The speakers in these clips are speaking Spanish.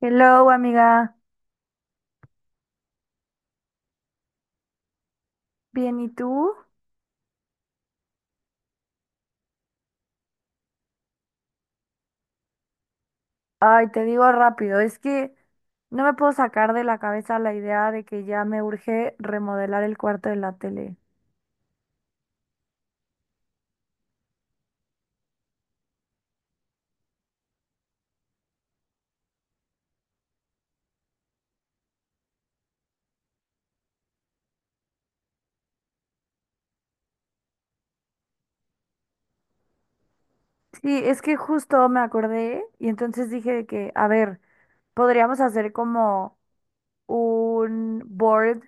Hello, amiga. Bien, ¿y tú? Ay, te digo rápido, es que no me puedo sacar de la cabeza la idea de que ya me urge remodelar el cuarto de la tele. Sí, es que justo me acordé y entonces dije de que, a ver, podríamos hacer como un board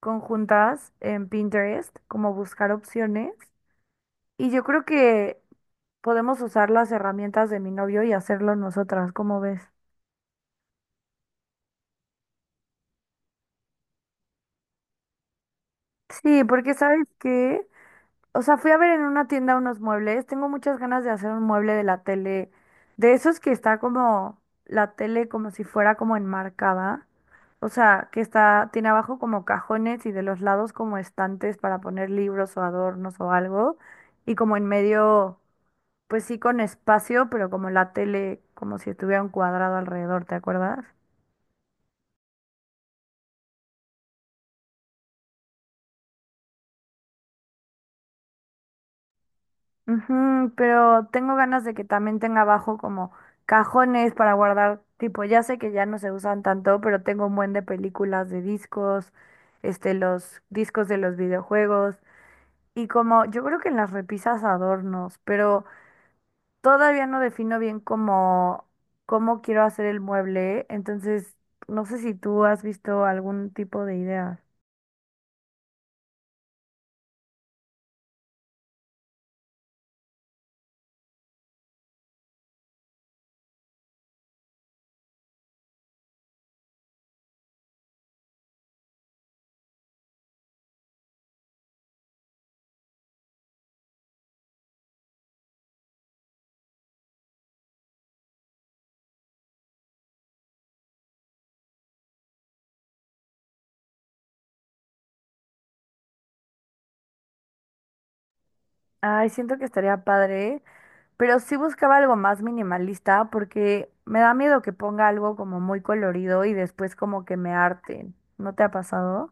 conjuntas en Pinterest, como buscar opciones. Y yo creo que podemos usar las herramientas de mi novio y hacerlo nosotras, ¿cómo ves? Sí, porque ¿sabes qué? O sea, fui a ver en una tienda unos muebles. Tengo muchas ganas de hacer un mueble de la tele, de esos que está como la tele como si fuera como enmarcada. O sea, que está, tiene abajo como cajones y de los lados como estantes para poner libros o adornos o algo. Y como en medio, pues sí con espacio, pero como la tele, como si estuviera un cuadrado alrededor, ¿te acuerdas? Ujú, pero tengo ganas de que también tenga abajo como cajones para guardar, tipo, ya sé que ya no se usan tanto, pero tengo un buen de películas, de discos, los discos de los videojuegos y como yo creo que en las repisas adornos, pero todavía no defino bien cómo quiero hacer el mueble, entonces no sé si tú has visto algún tipo de idea. Ay, siento que estaría padre. Pero sí buscaba algo más minimalista porque me da miedo que ponga algo como muy colorido y después como que me harten. ¿No te ha pasado?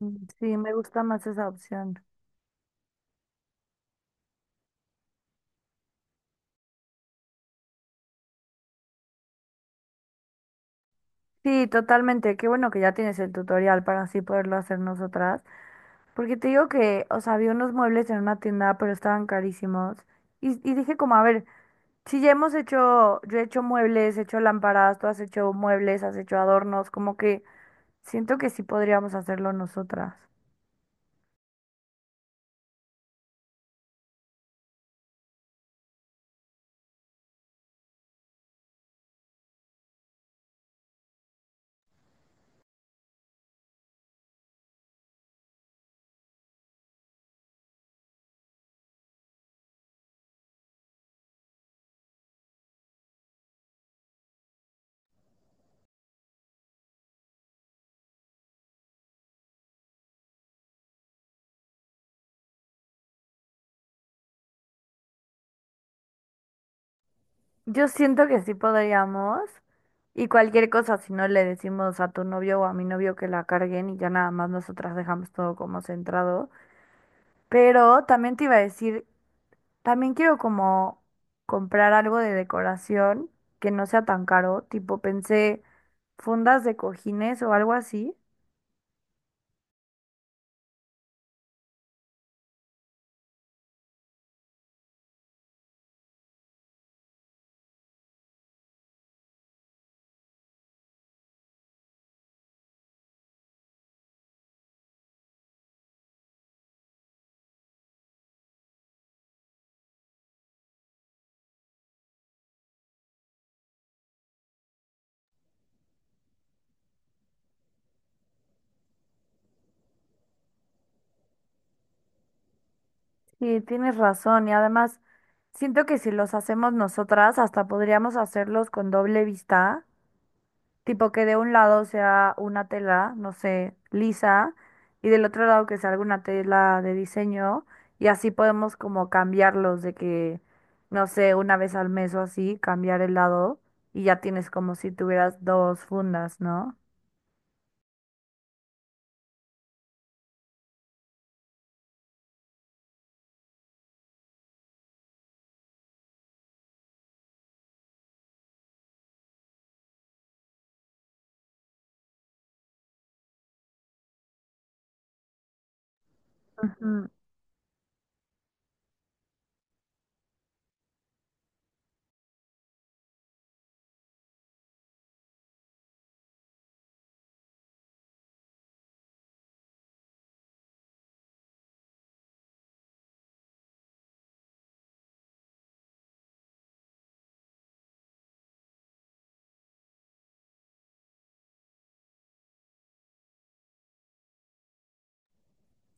Mm, sí, me gusta más esa opción. Sí, totalmente. Qué bueno que ya tienes el tutorial para así poderlo hacer nosotras. Porque te digo que, o sea, vi unos muebles en una tienda, pero estaban carísimos. Y dije como, a ver, si ya hemos hecho, yo he hecho muebles, he hecho lámparas, tú has hecho muebles, has hecho adornos, como que siento que sí podríamos hacerlo nosotras. Yo siento que sí podríamos. Y cualquier cosa, si no le decimos a tu novio o a mi novio que la carguen y ya nada más nosotras dejamos todo como centrado. Pero también te iba a decir, también quiero como comprar algo de decoración que no sea tan caro. Tipo, pensé fundas de cojines o algo así. Sí, tienes razón. Y además, siento que si los hacemos nosotras, hasta podríamos hacerlos con doble vista. Tipo que de un lado sea una tela, no sé, lisa, y del otro lado que sea alguna tela de diseño, y así podemos como cambiarlos de que, no sé, una vez al mes o así, cambiar el lado, y ya tienes como si tuvieras dos fundas, ¿no? Ujú.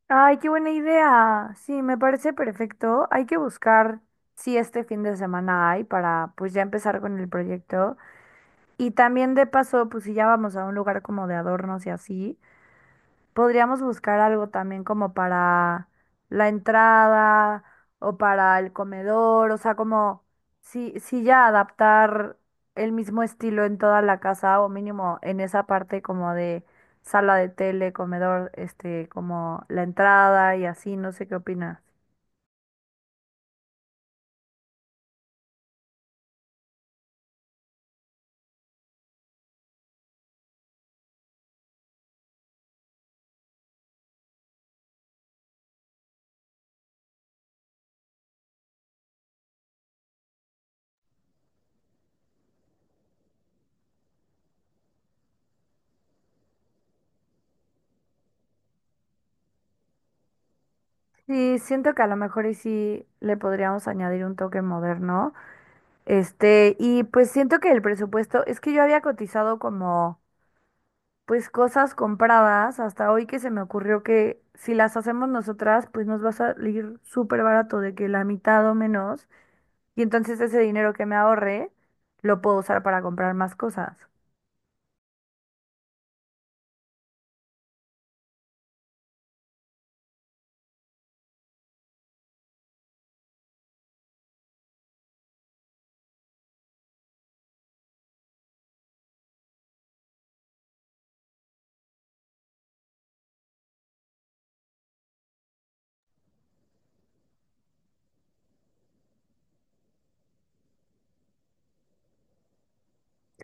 Ay, qué buena idea. Sí, me parece perfecto. Hay que buscar si este fin de semana hay para pues ya empezar con el proyecto. Y también de paso, pues si ya vamos a un lugar como de adornos y así. Podríamos buscar algo también como para la entrada o para el comedor, o sea, como si ya adaptar el mismo estilo en toda la casa o mínimo en esa parte como de sala de tele, comedor, este, como la entrada y así, no sé qué opinas. Sí, siento que a lo mejor y sí le podríamos añadir un toque moderno. Este, y pues siento que el presupuesto, es que yo había cotizado como pues cosas compradas hasta hoy que se me ocurrió que si las hacemos nosotras, pues nos va a salir súper barato de que la mitad o menos. Y entonces ese dinero que me ahorre lo puedo usar para comprar más cosas.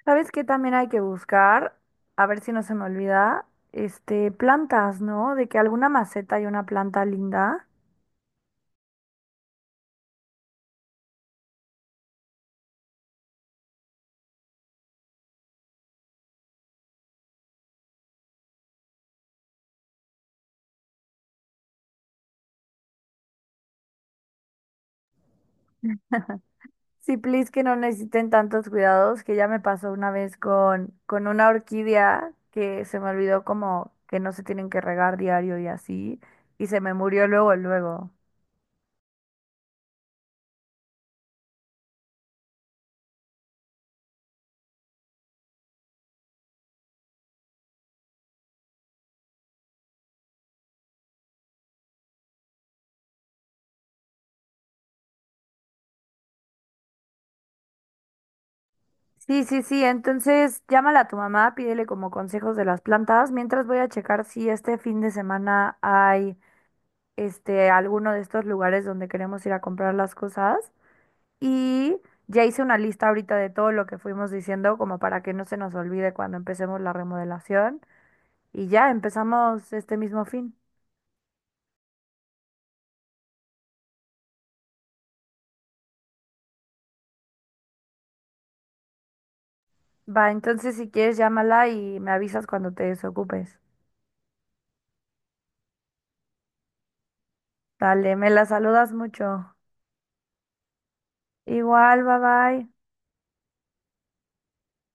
¿Sabes qué también hay que buscar? A ver si no se me olvida, este, plantas, ¿no? De que alguna maceta y una planta linda. Sí, please, que no necesiten tantos cuidados, que ya me pasó una vez con una orquídea que se me olvidó como que no se tienen que regar diario y así, y se me murió luego, luego. Sí, sí, sí, entonces llámala a tu mamá, pídele como consejos de las plantas, mientras voy a checar si este fin de semana hay este alguno de estos lugares donde queremos ir a comprar las cosas y ya hice una lista ahorita de todo lo que fuimos diciendo como para que no se nos olvide cuando empecemos la remodelación. Y ya empezamos este mismo fin. Va, entonces si quieres llámala y me avisas cuando te desocupes. Dale, me la saludas mucho. Igual, bye bye.